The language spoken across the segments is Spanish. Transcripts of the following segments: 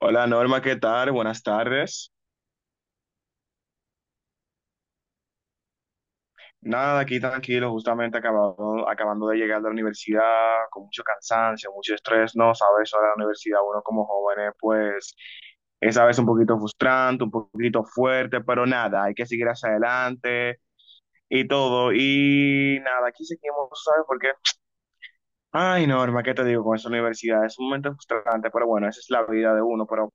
Hola Norma, ¿qué tal? Buenas tardes. Nada, aquí tranquilo, justamente acabando de llegar de la universidad, con mucho cansancio, mucho estrés, ¿no? Sabes, ahora la universidad, uno como jóvenes, pues es a veces un poquito frustrante, un poquito fuerte, pero nada, hay que seguir hacia adelante y todo. Y nada, aquí seguimos, ¿sabes por qué? Ay, Norma, ¿qué te digo con esa universidad? Es un momento frustrante, pero bueno, esa es la vida de uno, pero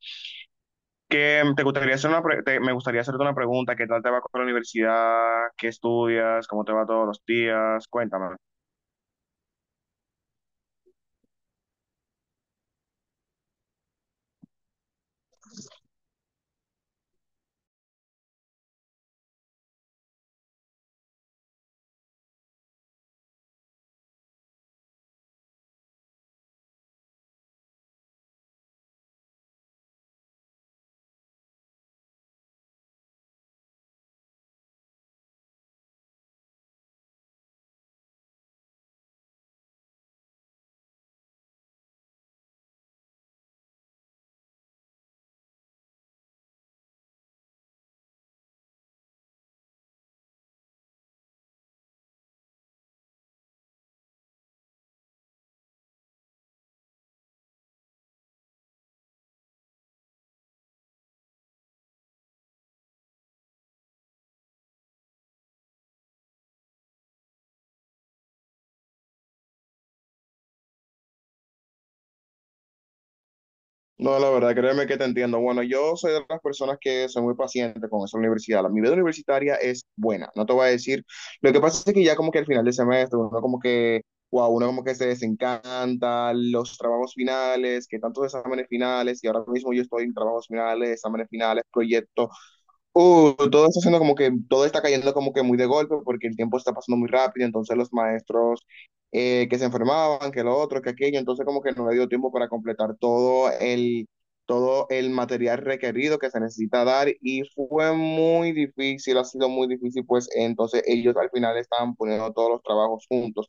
Te gustaría hacer una pre- te- me gustaría hacerte una pregunta, ¿qué tal te va con la universidad? ¿Qué estudias? ¿Cómo te va todos los días? Cuéntame. No, la verdad, créeme que te entiendo. Bueno, yo soy de las personas que son muy pacientes con esa universidad. Mi vida universitaria es buena, no te voy a decir. Lo que pasa es que ya como que al final del semestre, uno como que, wow, uno como que se desencanta, los trabajos finales, que tantos exámenes finales, y ahora mismo yo estoy en trabajos finales, exámenes finales, proyectos. Todo está haciendo como que todo está cayendo como que muy de golpe porque el tiempo está pasando muy rápido, entonces los maestros que se enfermaban, que lo otro, que aquello, entonces como que no le dio tiempo para completar todo el, material requerido que se necesita dar y fue muy difícil, ha sido muy difícil, pues entonces ellos al final estaban poniendo todos los trabajos juntos.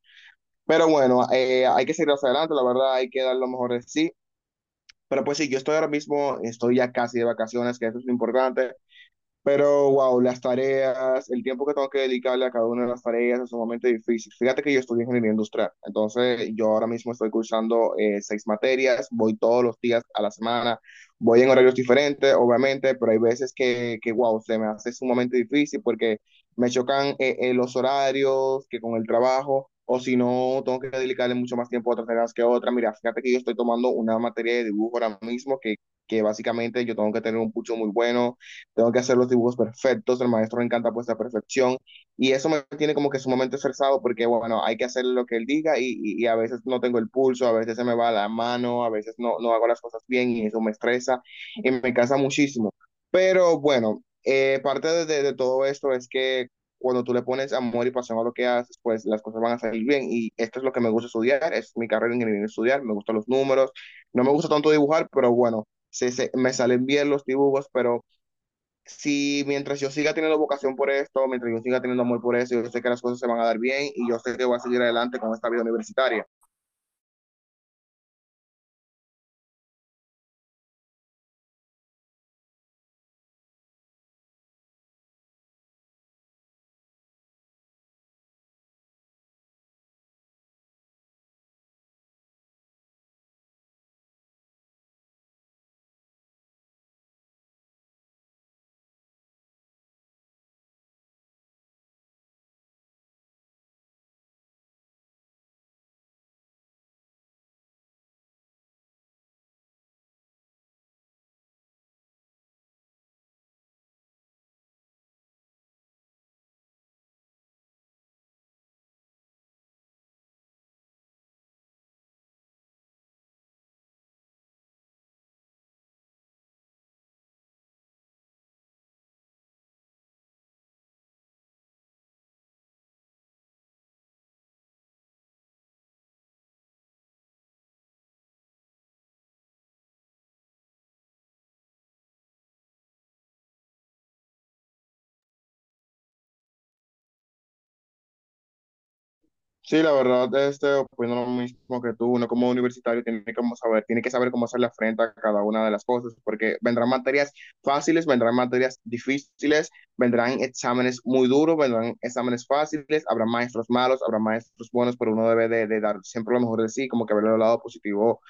Pero bueno, hay que seguir hacia adelante, la verdad, hay que dar lo mejor de sí. Pero pues sí, yo estoy ahora mismo, estoy ya casi de vacaciones, que eso es lo importante. Pero, wow, las tareas, el tiempo que tengo que dedicarle a cada una de las tareas es sumamente difícil. Fíjate que yo estudio ingeniería industrial, entonces yo ahora mismo estoy cursando seis materias, voy todos los días a la semana, voy en horarios diferentes, obviamente, pero hay veces que wow, se me hace sumamente difícil porque me chocan los horarios que con el trabajo, o si no, tengo que dedicarle mucho más tiempo a otras tareas que a otras. Mira, fíjate que yo estoy tomando una materia de dibujo ahora mismo que básicamente yo tengo que tener un pucho muy bueno. Tengo que hacer los dibujos perfectos, el maestro le encanta pues la perfección y eso me tiene como que sumamente estresado porque bueno, hay que hacer lo que él diga y a veces no tengo el pulso, a veces se me va la mano, a veces no, no hago las cosas bien y eso me estresa y me cansa muchísimo. Pero bueno, parte de todo esto es que cuando tú le pones amor y pasión a lo que haces, pues las cosas van a salir bien. Y esto es lo que me gusta estudiar, es mi carrera de ingeniería estudiar, me gustan los números, no me gusta tanto dibujar, pero bueno, se me salen bien los dibujos, pero si mientras yo siga teniendo vocación por esto, mientras yo siga teniendo amor por eso, yo sé que las cosas se van a dar bien y yo sé que voy a seguir adelante con esta vida universitaria. Sí, la verdad, opino lo mismo que tú, uno como universitario tiene que saber cómo hacerle frente a cada una de las cosas, porque vendrán materias fáciles, vendrán materias difíciles, vendrán exámenes muy duros, vendrán exámenes fáciles, habrá maestros malos, habrá maestros buenos, pero uno debe de dar siempre lo mejor de sí, como que ver el lado positivo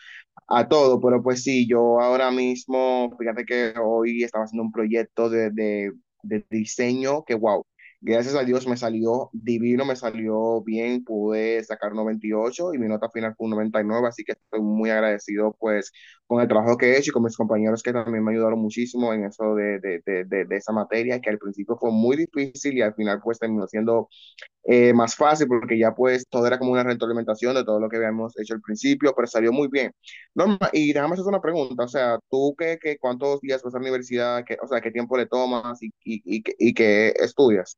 a todo, pero pues sí, yo ahora mismo, fíjate que hoy estaba haciendo un proyecto de diseño que, wow, gracias a Dios me salió divino, me salió bien, pude sacar un 98 y ocho y mi nota final fue un 99, así que estoy muy agradecido pues con el trabajo que he hecho y con mis compañeros que también me ayudaron muchísimo en eso de esa materia, que al principio fue muy difícil y al final pues terminó siendo más fácil porque ya pues todo era como una retroalimentación de todo lo que habíamos hecho al principio, pero salió muy bien. Norma, y déjame hacer una pregunta, o sea, ¿tú qué, qué cuántos días vas a la universidad? ¿Qué tiempo le tomas y qué estudias?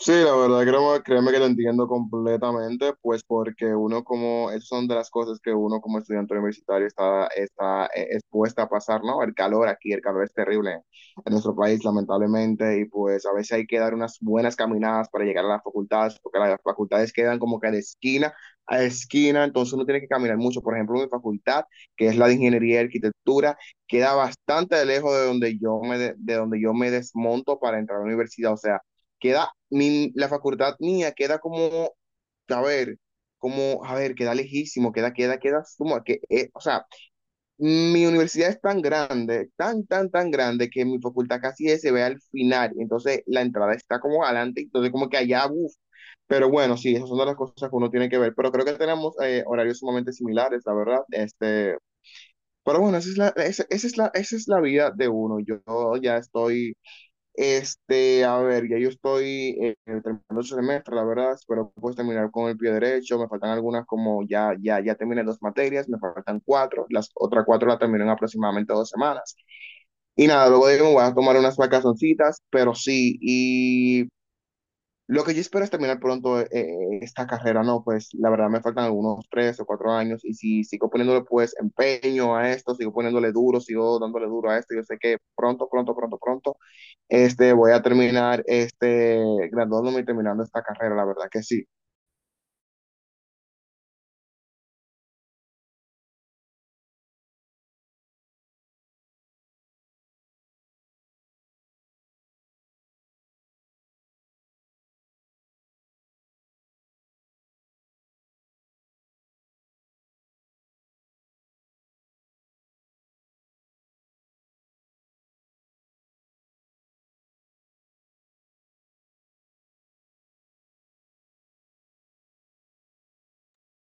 Sí, la verdad, créeme que lo entiendo completamente, pues porque uno como, esas son de las cosas que uno como estudiante universitario está expuesta a pasar, ¿no? El calor aquí, el calor es terrible en nuestro país, lamentablemente, y pues a veces hay que dar unas buenas caminadas para llegar a las facultades, porque las facultades quedan como que de esquina a esquina, entonces uno tiene que caminar mucho. Por ejemplo, mi facultad, que es la de Ingeniería y Arquitectura, queda bastante lejos de donde yo me, de donde yo me desmonto para entrar a la universidad, o sea, la facultad mía queda a ver, como, a ver, queda lejísimo, queda, como que, o sea, mi universidad es tan grande, tan, tan, tan grande que mi facultad casi se ve al final, entonces la entrada está como adelante, entonces como que allá, uff, pero bueno, sí, esas son de las cosas que uno tiene que ver, pero creo que tenemos horarios sumamente similares, la verdad, pero bueno, esa es la vida de uno. Yo ya estoy este, A ver, ya yo estoy terminando el semestre, la verdad, espero pues terminar con el pie derecho, me faltan algunas, como ya, ya, ya terminé dos materias, me faltan cuatro, las otras cuatro las termino en aproximadamente 2 semanas. Y nada, luego de ahí me voy a tomar unas vacacioncitas, pero sí, y lo que yo espero es terminar pronto esta carrera, ¿no? Pues la verdad me faltan algunos 3 o 4 años y si sigo poniéndole pues empeño a esto, sigo poniéndole duro, sigo dándole duro a esto, yo sé que pronto, pronto, pronto, pronto, voy a terminar, graduándome y terminando esta carrera, la verdad que sí.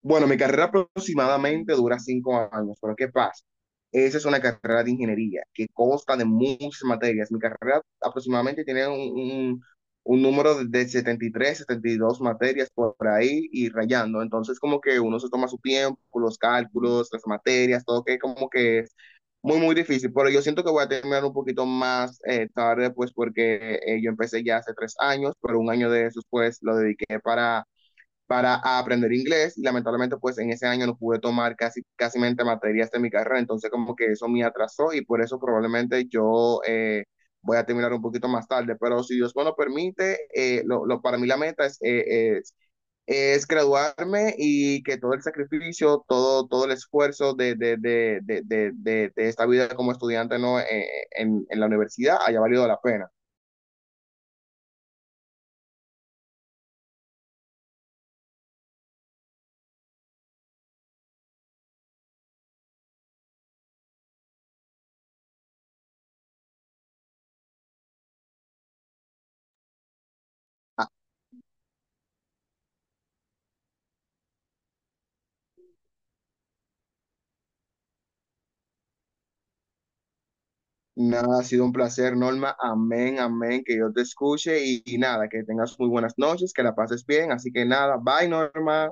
Bueno, mi carrera aproximadamente dura 5 años, pero ¿qué pasa? Esa es una carrera de ingeniería que consta de muchas materias. Mi carrera aproximadamente tiene un número de 73, 72 materias por ahí y rayando. Entonces, como que uno se toma su tiempo, los cálculos, las materias, todo que como que es muy, muy difícil. Pero yo siento que voy a terminar un poquito más tarde, pues porque yo empecé ya hace 3 años, pero un año de esos, pues lo dediqué para aprender inglés, y lamentablemente pues en ese año no pude tomar casi, casi materias de mi carrera, entonces como que eso me atrasó y por eso probablemente yo voy a terminar un poquito más tarde, pero si Dios me lo permite, para mí la meta es graduarme y que todo el sacrificio, todo el esfuerzo de esta vida como estudiante, ¿no? En la universidad haya valido la pena. Nada, ha sido un placer, Norma. Amén, amén, que yo te escuche y nada, que tengas muy buenas noches, que la pases bien. Así que nada, bye, Norma.